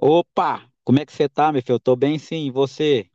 Opa, como é que você tá, meu filho? Eu tô bem sim, e você?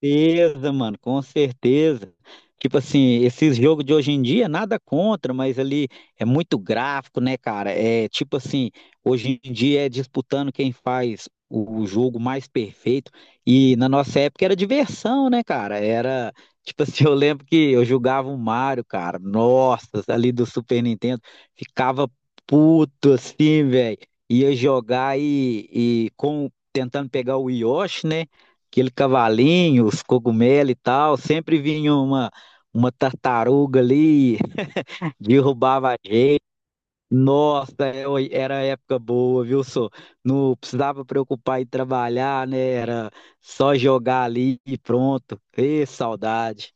Certeza, mano, com certeza. Tipo assim, esses jogos de hoje em dia, nada contra, mas ali é muito gráfico, né, cara? É tipo assim, hoje em dia é disputando quem faz o jogo mais perfeito. E na nossa época era diversão, né, cara? Era tipo assim, eu lembro que eu jogava o Mario, cara. Nossa, ali do Super Nintendo, ficava puto assim, velho. Ia jogar e com tentando pegar o Yoshi, né? Aquele cavalinho, os cogumelos e tal, sempre vinha uma tartaruga ali, derrubava a gente. Nossa, era época boa, viu, só? Não precisava preocupar em trabalhar, né? Era só jogar ali e pronto. Ê, saudade.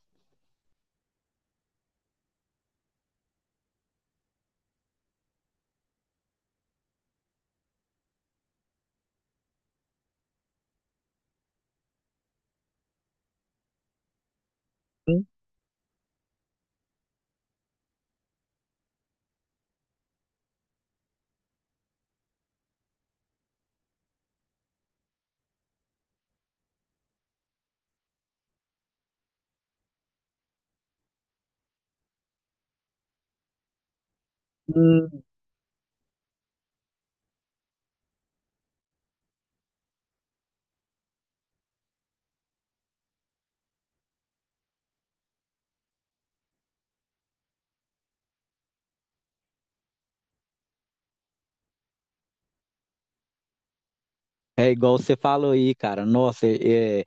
É igual você falou aí, cara. Nossa,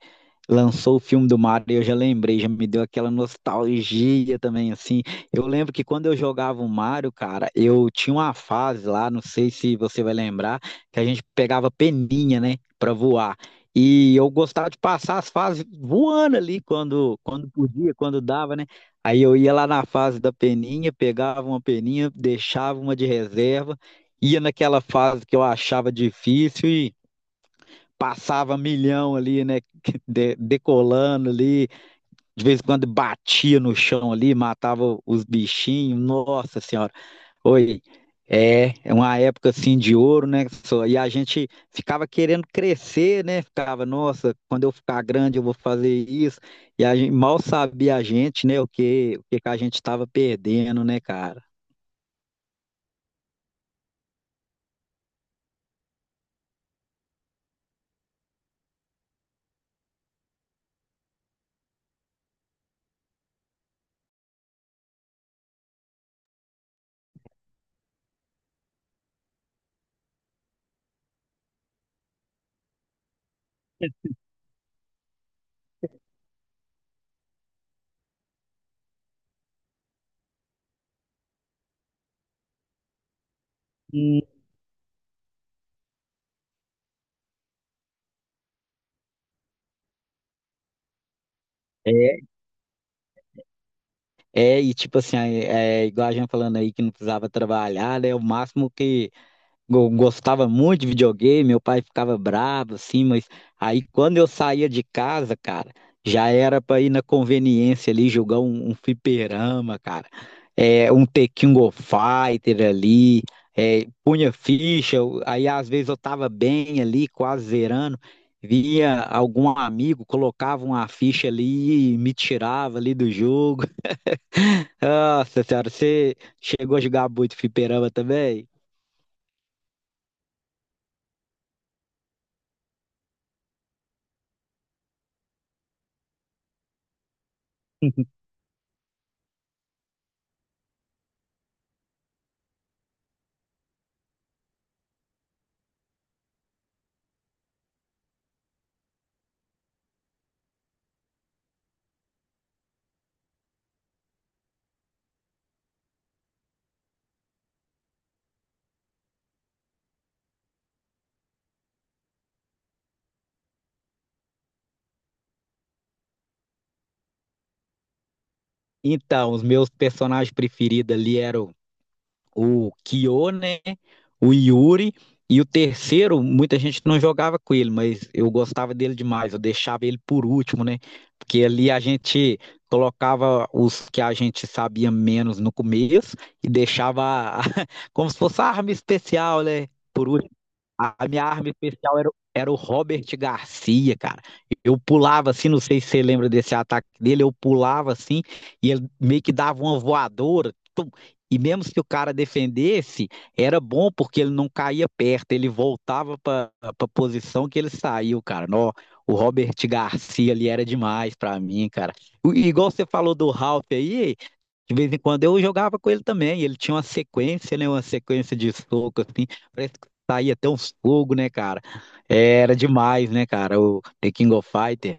lançou o filme do Mario eu já lembrei, já me deu aquela nostalgia também, assim. Eu lembro que quando eu jogava o Mario, cara, eu tinha uma fase lá, não sei se você vai lembrar, que a gente pegava peninha, né, pra voar. E eu gostava de passar as fases voando ali quando podia, quando dava, né? Aí eu ia lá na fase da peninha, pegava uma peninha, deixava uma de reserva, ia naquela fase que eu achava difícil e passava milhão ali, né? Decolando ali, de vez em quando batia no chão ali, matava os bichinhos. Nossa Senhora, oi. É, é uma época assim de ouro, né? E a gente ficava querendo crescer, né? Ficava, nossa, quando eu ficar grande eu vou fazer isso. E a gente, mal sabia a gente, né? O que que a gente estava perdendo, né, cara? Hum. É, é, e tipo assim, igual a gente falando aí que não precisava trabalhar, né? O máximo que eu gostava muito de videogame, meu pai ficava bravo, assim, mas aí quando eu saía de casa, cara, já era pra ir na conveniência ali jogar um fliperama, cara. É, um The King of Fighter ali, é, punha ficha, aí às vezes eu tava bem ali, quase zerando, vinha algum amigo, colocava uma ficha ali e me tirava ali do jogo. Nossa senhora, você chegou a jogar muito fliperama também? Então, os meus personagens preferidos ali eram o Kyo, né? O Yuri. E o terceiro, muita gente não jogava com ele, mas eu gostava dele demais. Eu deixava ele por último, né? Porque ali a gente colocava os que a gente sabia menos no começo e como se fosse a arma especial, né? Por a minha arma especial era, era o Robert Garcia, cara. Eu pulava assim, não sei se você lembra desse ataque dele, eu pulava assim e ele meio que dava uma voadora. E mesmo que o cara defendesse, era bom porque ele não caía perto, ele voltava para a posição que ele saiu, cara. Nó, o Robert Garcia ali era demais para mim, cara. E, igual você falou do Ralph aí, de vez em quando eu jogava com ele também. Ele tinha uma sequência, né? Uma sequência de soco, assim. Parece que saía até uns fogo, né, cara? É, era demais, né, cara? O The King of Fighters.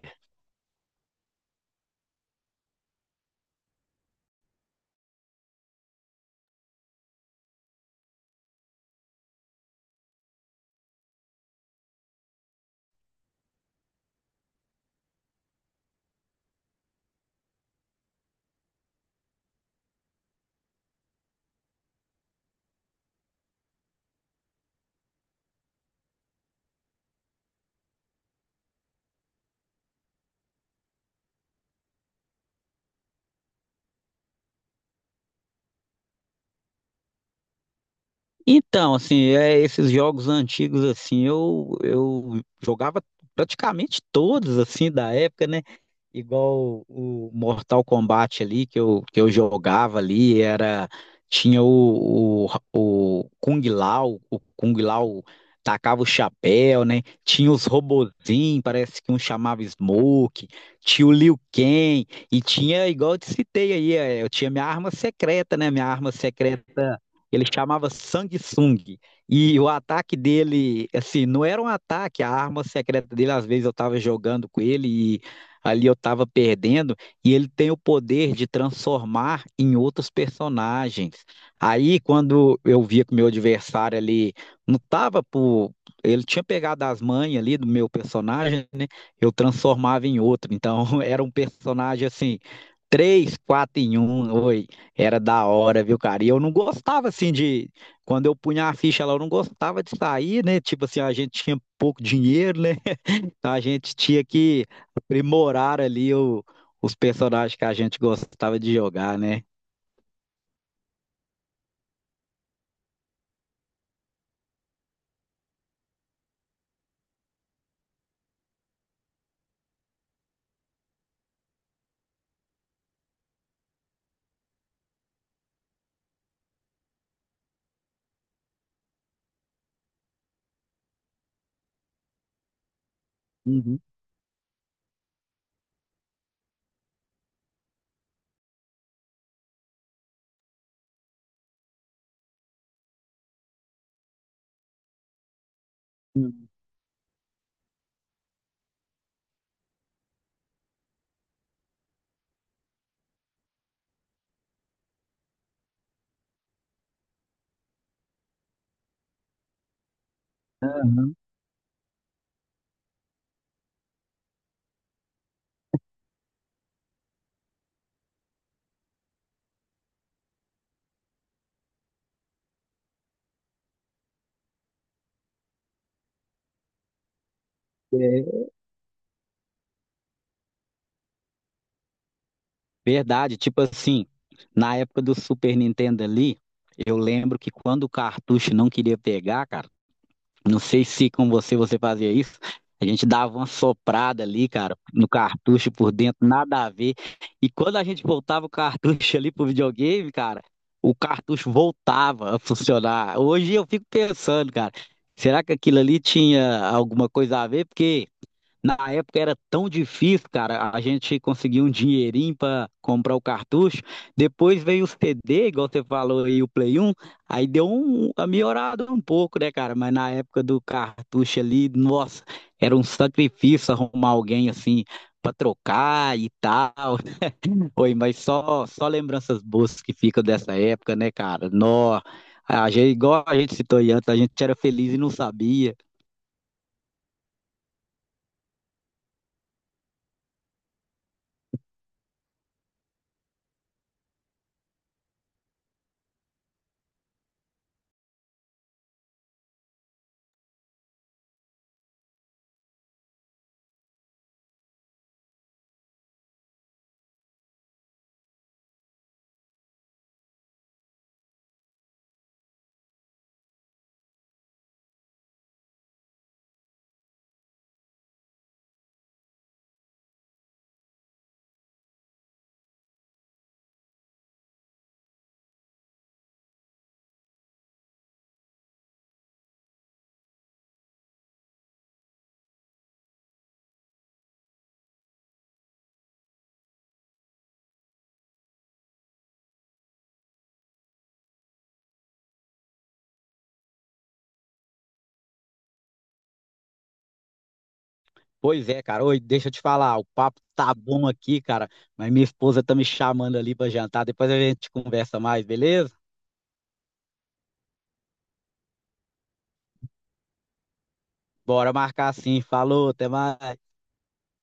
Então, assim, é, esses jogos antigos, assim, eu jogava praticamente todos, assim, da época, né? Igual o Mortal Kombat ali que eu jogava ali, era tinha o Kung Lao tacava o chapéu, né? Tinha os robozinhos, parece que um chamava Smoke, tinha o Liu Kang e tinha igual eu te citei aí, é, eu tinha minha arma secreta, né? Minha arma secreta ele chamava Samsung. E o ataque dele, assim, não era um ataque, a arma secreta dele, às vezes eu tava jogando com ele ali eu estava perdendo, e ele tem o poder de transformar em outros personagens. Aí, quando eu via que o meu adversário ali não estava por. Ele tinha pegado as manhas ali do meu personagem, né? Eu transformava em outro. Então, era um personagem assim, três, quatro em um. Oi, era da hora, viu, cara? E eu não gostava assim de. Quando eu punha a ficha lá, eu não gostava de sair, né? Tipo assim, a gente tinha pouco dinheiro, né? Então, a gente tinha que aprimorar os personagens que a gente gostava de jogar, né? Uhum. Uhum. Aham. É verdade, tipo assim, na época do Super Nintendo ali, eu lembro que quando o cartucho não queria pegar, cara, não sei se com você fazia isso. A gente dava uma soprada ali, cara, no cartucho por dentro, nada a ver. E quando a gente voltava o cartucho ali pro videogame, cara, o cartucho voltava a funcionar. Hoje eu fico pensando, cara, será que aquilo ali tinha alguma coisa a ver? Porque na época era tão difícil, cara, a gente conseguia um dinheirinho pra comprar o cartucho. Depois veio o CD, igual você falou aí, o Play um, aí deu uma melhorada um pouco, né, cara? Mas na época do cartucho ali, nossa, era um sacrifício arrumar alguém assim pra trocar e tal. Oi, mas só lembranças boas que ficam dessa época, né, cara? Nó, a gente, igual a gente citou aí antes, a gente era feliz e não sabia. Pois é, cara. Oi, deixa eu te falar, o papo tá bom aqui, cara, mas minha esposa tá me chamando ali pra jantar. Depois a gente conversa mais, beleza? Bora marcar sim. Falou, até mais.